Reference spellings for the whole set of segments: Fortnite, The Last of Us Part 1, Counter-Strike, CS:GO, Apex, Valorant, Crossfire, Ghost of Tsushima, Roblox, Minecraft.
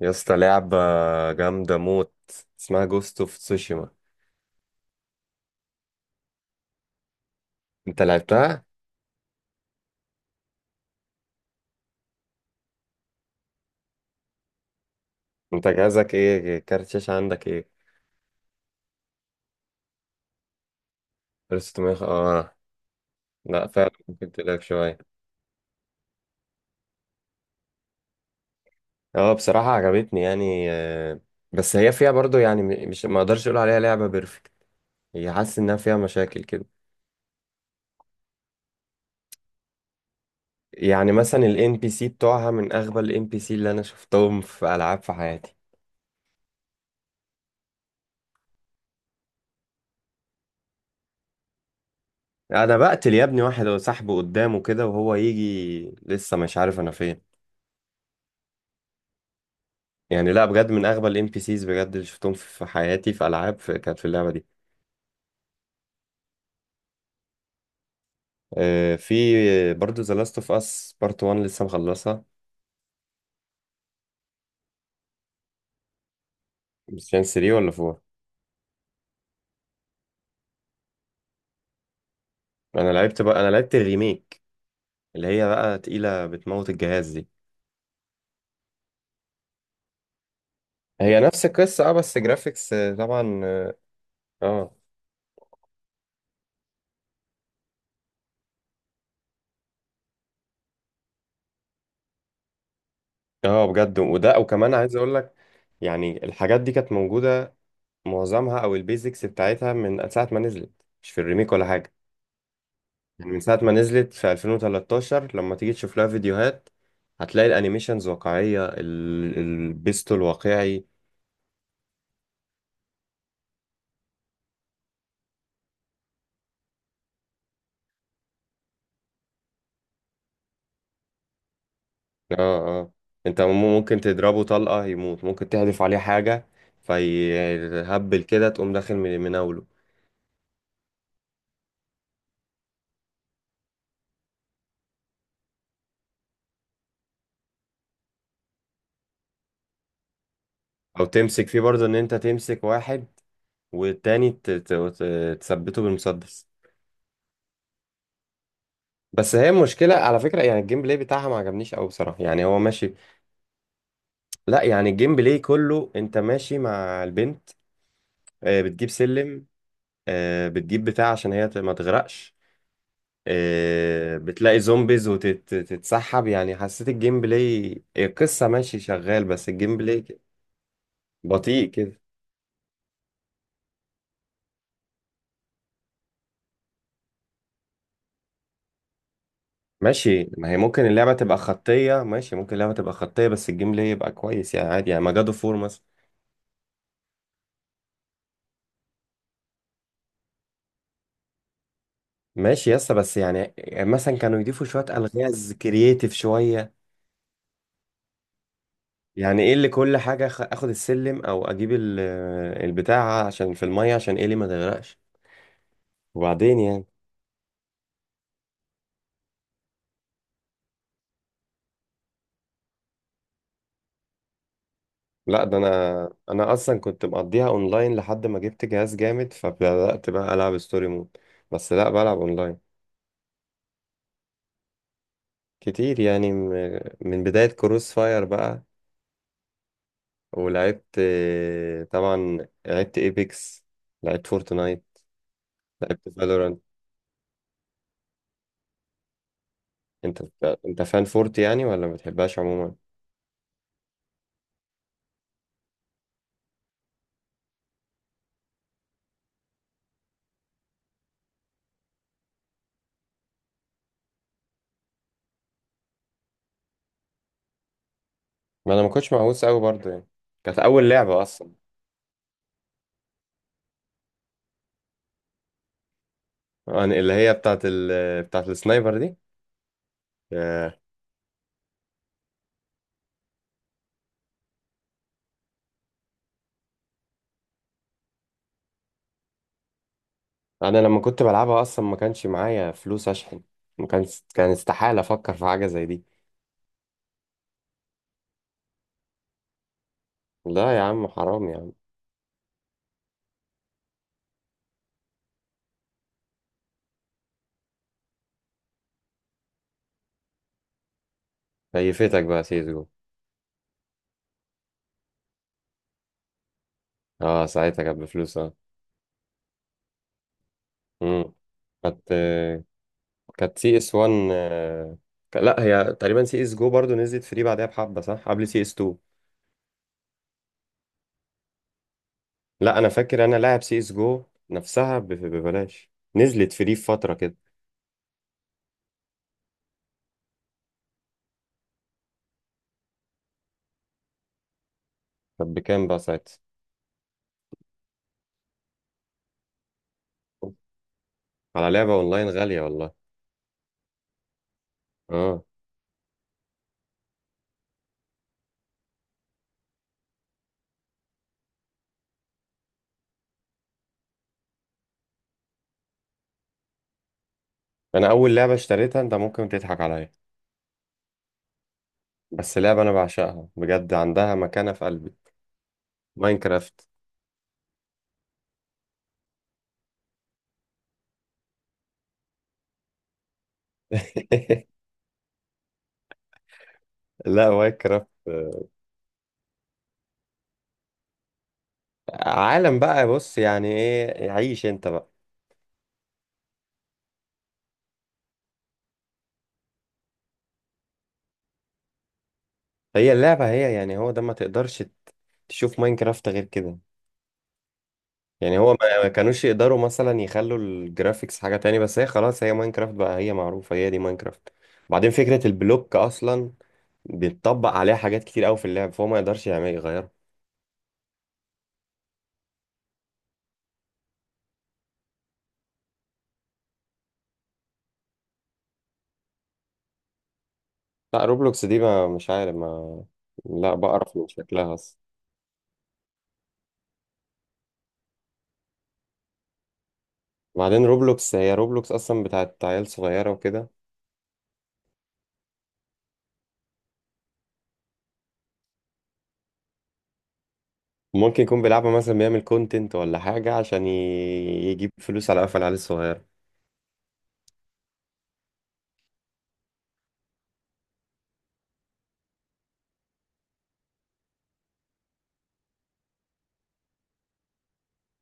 يا اسطى لعبة جامدة موت. اسمها جوست اوف تسوشيما. انت لعبتها؟ انت جهازك ايه؟ كارت شاشة عندك ايه؟ 1600، اه. لا فعلا ممكن تلاقي شوية. اه، بصراحة عجبتني يعني. بس هي فيها برضو يعني، مش، ما اقدرش اقول عليها لعبة بيرفكت. هي حاسس انها فيها مشاكل كده. يعني مثلا الان بي سي بتوعها من اغبى الان بي سي اللي انا شفتهم في العاب في حياتي. انا بقتل يا ابني واحد وسحبه قدامه كده، وهو يجي لسه مش عارف انا فين. يعني لا، بجد من اغبى الام بي سيز بجد اللي شفتهم في حياتي، في العاب، في كانت في اللعبه دي. في برضو ذا لاست اوف اس بارت 1 لسه مخلصها. بس كان 3 ولا 4. انا لعبت الريميك، اللي هي بقى تقيله بتموت الجهاز دي. هي نفس القصه اه، بس جرافيكس طبعا اه. اه. بجد. وده وكمان عايز اقول لك، يعني الحاجات دي كانت موجوده، معظمها او البيزكس بتاعتها، من ساعه ما نزلت، مش في الريميك ولا حاجه. يعني من ساعة ما نزلت في 2013، لما تيجي تشوف لها فيديوهات هتلاقي الانيميشنز واقعية، البيستول واقعي. اه. اه. انت ممكن تضربه طلقة يموت، ممكن تحذف عليه حاجة فيهبل كده، تقوم داخل مناوله. او تمسك فيه برضه، ان انت تمسك واحد والتاني تثبته بالمسدس. بس هي المشكلة على فكرة، يعني الجيم بلاي بتاعها ما عجبنيش قوي بصراحة، يعني هو ماشي. لا، يعني الجيم بلاي كله انت ماشي مع البنت، بتجيب سلم، بتجيب بتاع عشان هي ما تغرقش، بتلاقي زومبيز وتتسحب. يعني حسيت الجيم بلاي، القصة ماشي شغال، بس الجيم بلاي بطيء كده. ماشي، ما هي ممكن اللعبة تبقى خطية، ماشي ممكن اللعبة تبقى خطية، بس الجيم بلاي يبقى كويس يعني، عادي، يعني ما جادو فور مثلا. ماشي يسا، بس يعني مثلا كانوا يضيفوا شوية ألغاز كرييتيف شوية. يعني ايه اللي كل حاجة، اخد السلم، او اجيب البتاع عشان في المية عشان ايه، اللي ما تغرقش. وبعدين يعني. لا، ده انا اصلا كنت مقضيها اونلاين، لحد ما جبت جهاز جامد فبدأت بقى العب ستوري مود. بس لا، بلعب اونلاين كتير يعني، من بداية كروس فاير بقى. ولعبت طبعا، لعبت ايبكس، لعبت فورتنايت، لعبت فالورانت. انت انت فان فورت يعني، ولا ما بتحبهاش عموما؟ ما انا ما كنتش مهووس قوي برضه يعني. كانت اول لعبة اصلا. يعني اللي هي بتاعت بتاعت السنايبر دي. آه، انا لما كنت بلعبها اصلا ما كانش معايا فلوس اشحن. ما كان، كان استحالة افكر في حاجة زي دي. لا يا عم، حرام يا عم. كيفتك بقى سيزو؟ اه، ساعتها كانت بفلوس، اه. امم كانت كانت سي اس 1. لا، هي تقريبا سي اس جو برضو نزلت فري بعدها بحبة، صح؟ قبل سي اس 2. لا، انا فاكر انا لاعب سي اس جو نفسها ببلاش، نزلت فري في فترة كده. طب بكام بقى ساعتها؟ على لعبة اونلاين غالية والله. اه. انا اول لعبة اشتريتها، انت ممكن تضحك عليا، بس لعبة أنا بعشقها بجد، عندها مكانة في قلبي. ماينكرافت. لا، ماينكرافت عالم بقى. بص يعني إيه، عيش أنت بقى. هي اللعبة هي، يعني هو ده، ما تقدرش تشوف ماينكرافت غير كده. يعني هو ما كانوش يقدروا مثلا يخلوا الجرافيكس حاجة تاني، بس هي خلاص، هي ماينكرافت بقى، هي معروفة، هي دي ماينكرافت. بعدين فكرة البلوك أصلا بيتطبق عليها حاجات كتير أوي في اللعب، فهو ما يقدرش يعمل يغيرها. لا، روبلوكس دي، ما مش عارف ما. لا، بقرف من شكلها. وبعدين روبلوكس، هي روبلوكس اصلا بتاعت عيال صغيره وكده. ممكن يكون بيلعبها مثلا، بيعمل كونتنت ولا حاجه، عشان يجيب فلوس على قفل العيال الصغيره.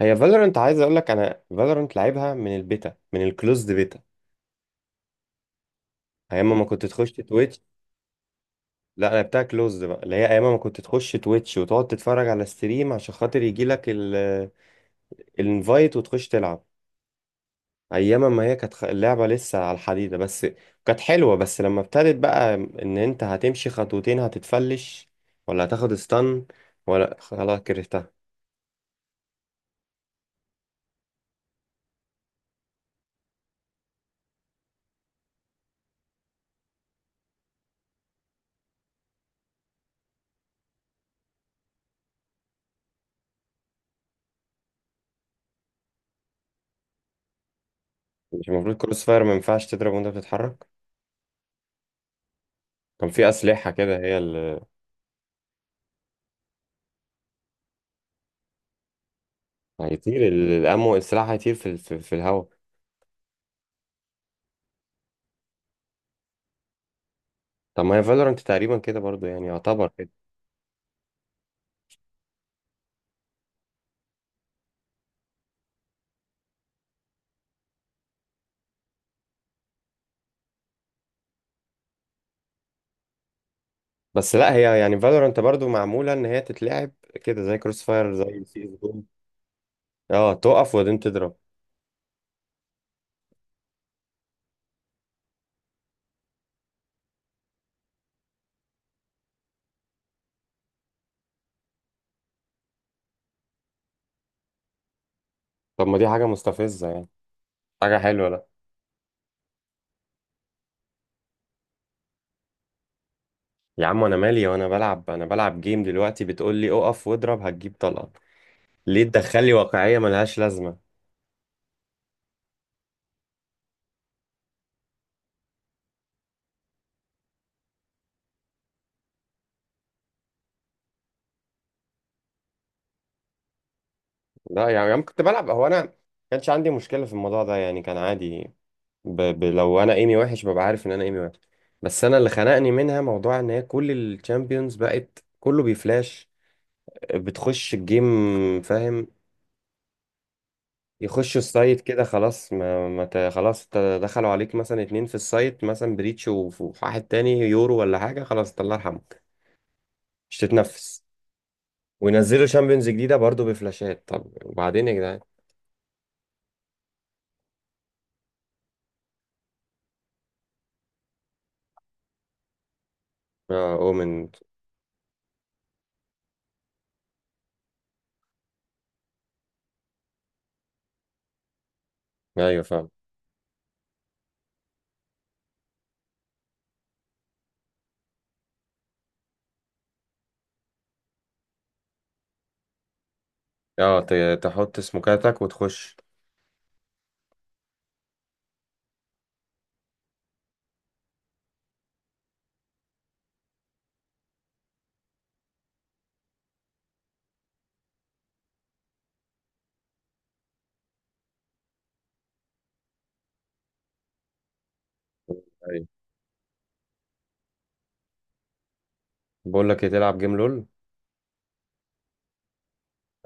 هي فالورنت، عايز اقول لك، انا فالورنت لعبها من البيتا، من الكلوزد بيتا، ايام ما كنت تخش تويتش. لا، انا بتاع كلوزد بقى، اللي هي ايام ما كنت تخش تويتش وتقعد تتفرج على ستريم عشان خاطر يجي لك الانفايت وتخش تلعب. ايام ما هي كانت، اللعبه لسه على الحديده بس، كانت حلوه. بس لما ابتدت بقى ان انت هتمشي خطوتين هتتفلش، ولا هتاخد استن، ولا خلاص كرهتها. مش المفروض كروس فاير ما ينفعش تضرب وانت بتتحرك؟ كان في اسلحه كده، هي اللي هيطير الامو، السلاح هيطير في في الهواء. طب ما هي فالورانت تقريبا كده برضو، يعني يعتبر كده. بس لا، هي يعني فالورانت برضو معموله ان هي تتلعب كده، زي كروس فاير، زي سي اس جو. اه، تقف وبعدين تضرب. طب ما دي حاجه مستفزه يعني. حاجه حلوه؟ لا. يا عم انا مالي، وانا بلعب، انا بلعب جيم دلوقتي، بتقول لي اقف واضرب هتجيب طلقه. ليه تدخلي واقعيه ملهاش لازمه؟ لا يعني انا كنت بلعب، هو انا، ما كانش عندي مشكله في الموضوع ده يعني، كان عادي. لو انا ايمي وحش ببقى عارف ان انا ايمي وحش. بس انا اللي خنقني منها موضوع ان هي كل الشامبيونز بقت كله بيفلاش، بتخش الجيم. فاهم؟ يخشوا السايت كده، خلاص ما, ما خلاص دخلوا عليك مثلا اتنين في السايت، مثلا بريتش وواحد تاني يورو ولا حاجه، خلاص الله يرحمه، مش تتنفس. وينزلوا شامبيونز جديده برضو بفلاشات، طب وبعدين يا جدعان. اه، اومن. ايوه فاهم. اه، تحط سموكاتك وتخش. ايوه، بقول لك ايه، تلعب جيم لول؟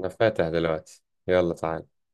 انا فاتح دلوقتي. يلا تعالى.